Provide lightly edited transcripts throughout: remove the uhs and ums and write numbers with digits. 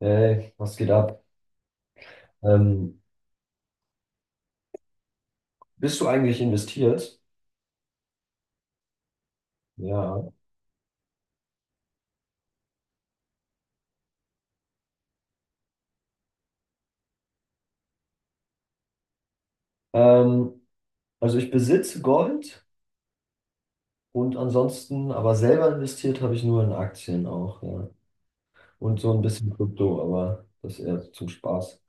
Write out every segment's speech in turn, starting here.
Hey, was geht ab? Ähm, Bist du eigentlich investiert? Ja. Ähm, also ich besitze Gold und ansonsten, aber selber investiert habe ich nur in Aktien auch, ja. Und so ein bisschen Krypto, aber das eher so zum Spaß.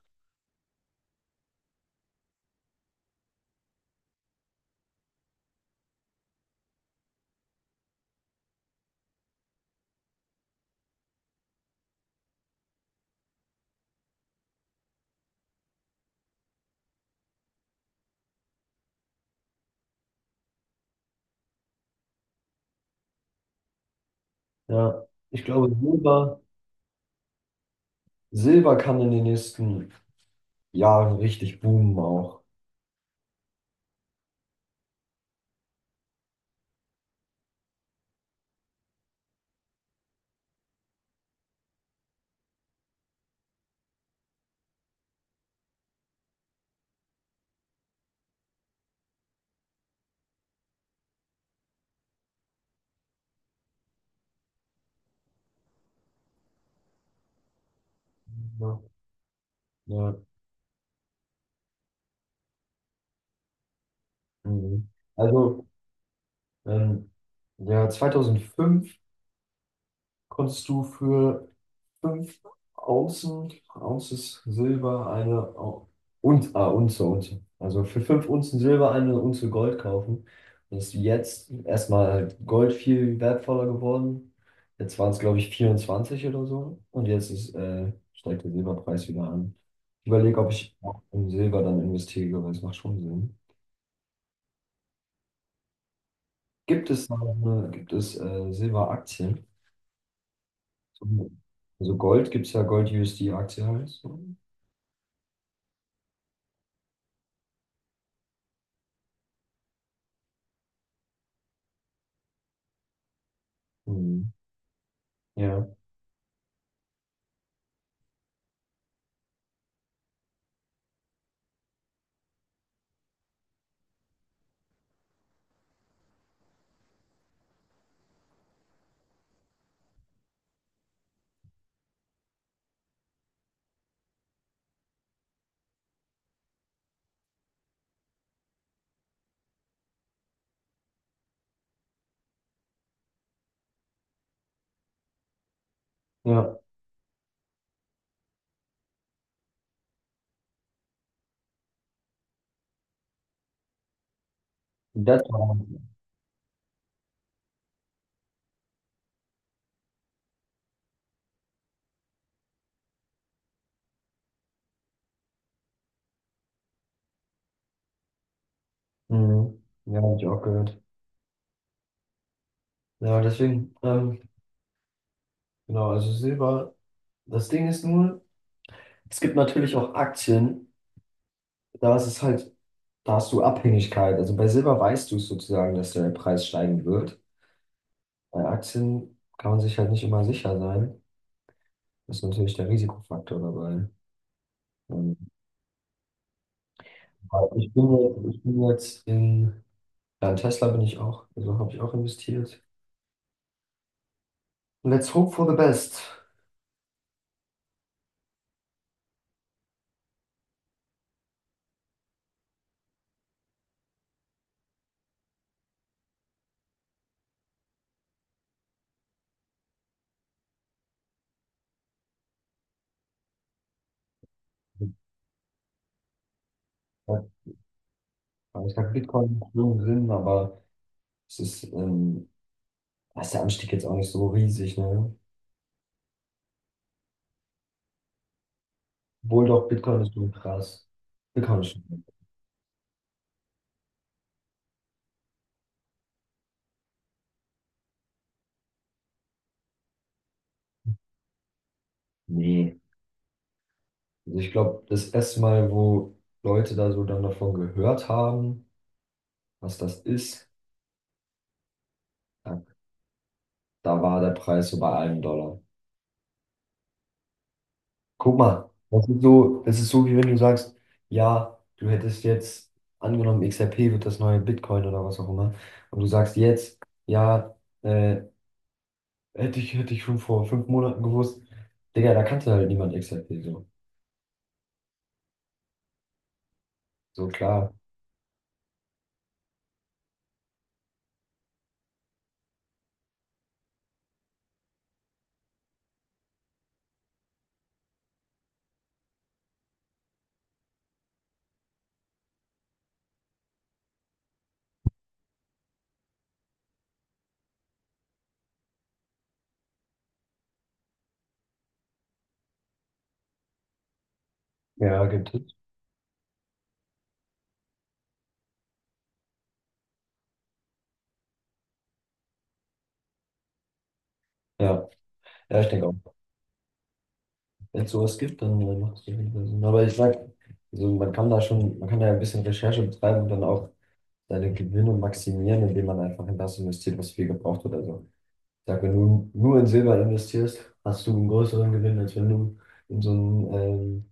Ja, ich glaube, Silber kann in den nächsten Jahren richtig boomen auch. Ja, ja, mhm. Also, ähm, ja, 2005 konntest du für 5 Ounces Silber eine Unze. Also für 5 Unzen Silber eine Unze Gold kaufen. Das ist jetzt erstmal halt Gold viel wertvoller geworden. Jetzt waren es, glaube ich, 24 oder so. Und jetzt ist, steigt der Silberpreis wieder an. Ich überlege, ob ich auch in Silber dann investiere, weil es macht schon Sinn. Gibt es da gibt es Silberaktien? So- Also Gold gibt es, ja Gold-USD-Aktie heißt. Mhm. Ja, ja, das war, mhm. Ja, habe ich auch gehört. Ja, deswegen, genau, also Silber, das Ding ist nur, es gibt natürlich auch Aktien, da ist es halt, da hast du Abhängigkeit. Also bei Silber weißt du es sozusagen, dass der Preis steigen wird. Bei Aktien kann man sich halt nicht immer sicher sein. Das ist natürlich der Risikofaktor dabei. Ähm, aber ich bin jetzt in, ja, in Tesla bin ich auch, also habe ich auch investiert. Let's hope for the best. Aber ich glaube, Bitcoin macht schon Sinn, aber es ist, da ist der Anstieg jetzt auch nicht so riesig, ne? Obwohl doch, Bitcoin ist schon krass. Bitcoin ist schon. Nee. Also ich glaube, das erste Mal, wo Leute da so dann davon gehört haben, was das ist, da, da war der Preis so bei einem Dollar. Guck mal, das ist so, wie wenn du sagst, ja, du hättest jetzt angenommen, XRP wird das neue Bitcoin oder was auch immer. Und du sagst jetzt, ja, äh, hätte ich schon vor 5 Monaten gewusst. Digga, da kannte halt niemand XRP so. So klar. Ja, gibt es. Ja, ja, ich denke auch. Wenn es sowas gibt, dann macht es auf jeden Fall Sinn. Also, aber ich sag, also man kann da ja ein bisschen Recherche betreiben und dann auch seine Gewinne maximieren, indem man einfach in das investiert, was viel gebraucht wird. Also, ich sag, wenn du nur in Silber investierst, hast du einen größeren Gewinn, als wenn du in so einen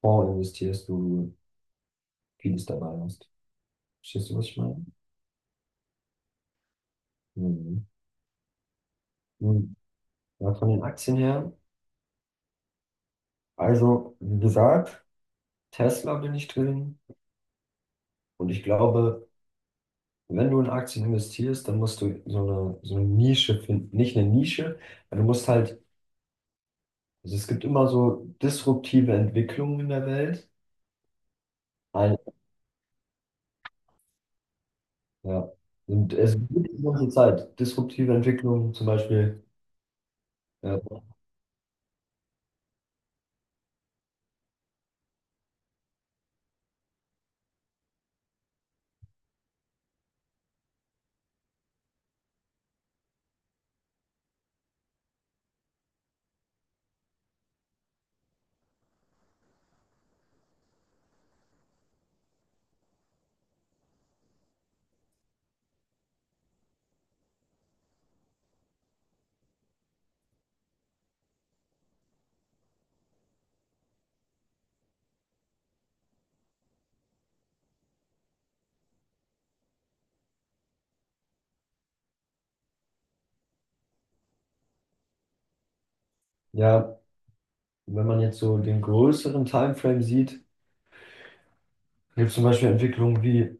Fonds investierst, wo du vieles dabei hast. Verstehst du, was ich meine? Mhm. Mhm. Ja, von den Aktien her. Also, wie gesagt, Tesla bin ich drin und ich glaube, wenn du in Aktien investierst, dann musst du so eine Nische finden. Nicht eine Nische, aber du musst halt, also es gibt immer so disruptive Entwicklungen in der Welt. Ein, ja. Und es gibt die ganze Zeit disruptive Entwicklungen, zum Beispiel, äh, ja, wenn man jetzt so den größeren Timeframe sieht, gibt es zum Beispiel Entwicklungen wie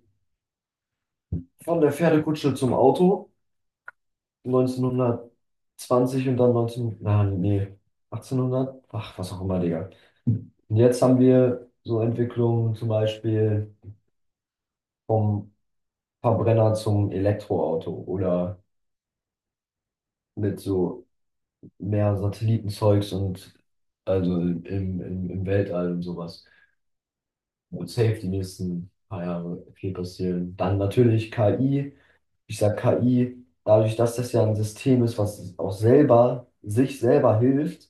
von der Pferdekutsche zum Auto. neunzehnhundertzwanzig und dann 19, na, nee, Achtzehnhundert ach, was auch immer, Digga. Und jetzt haben wir so Entwicklungen zum Beispiel vom Verbrenner zum Elektroauto oder mit so mehr Satellitenzeugs und also im Weltall und sowas. Wird safe die nächsten paar Jahre viel passieren. Dann natürlich KI. Ich sag KI, dadurch, dass das ja ein System ist, was auch sich selber hilft,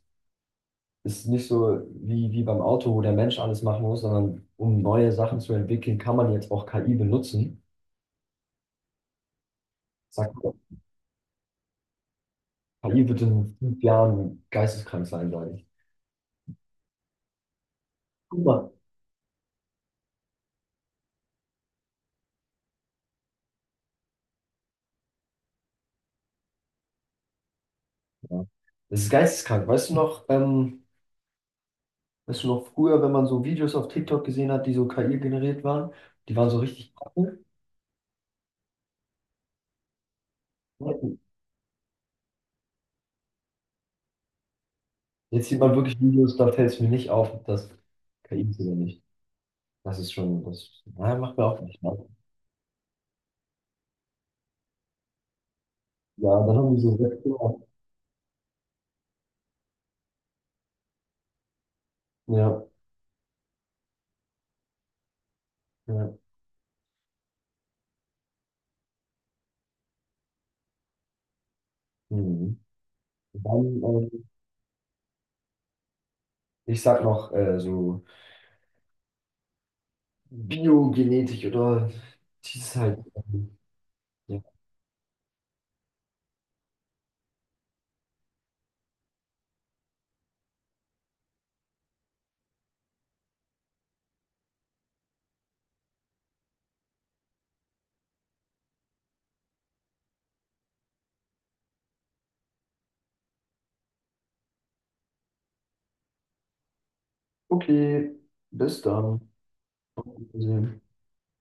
ist nicht so wie, wie beim Auto, wo der Mensch alles machen muss, sondern um neue Sachen zu entwickeln, kann man jetzt auch KI benutzen. Sagt man, KI wird in 5 Jahren geisteskrank sein, sage ich. Guck mal. Ja. Das ist geisteskrank. Weißt du noch früher, wenn man so Videos auf TikTok gesehen hat, die so KI generiert waren, die waren so richtig kacke. Jetzt sieht man wirklich Videos, da fällt es mir nicht auf, ob das KI ist oder nicht. Das ist schon, das naja, macht mir auch nicht. Ne? Ja, dann haben die so 6 Jahre. Ja, ja. Mhm. Dann, ich sag noch so Biogenetik oder dieses halt. Ja. Okay, bis dann. Wiedersehen.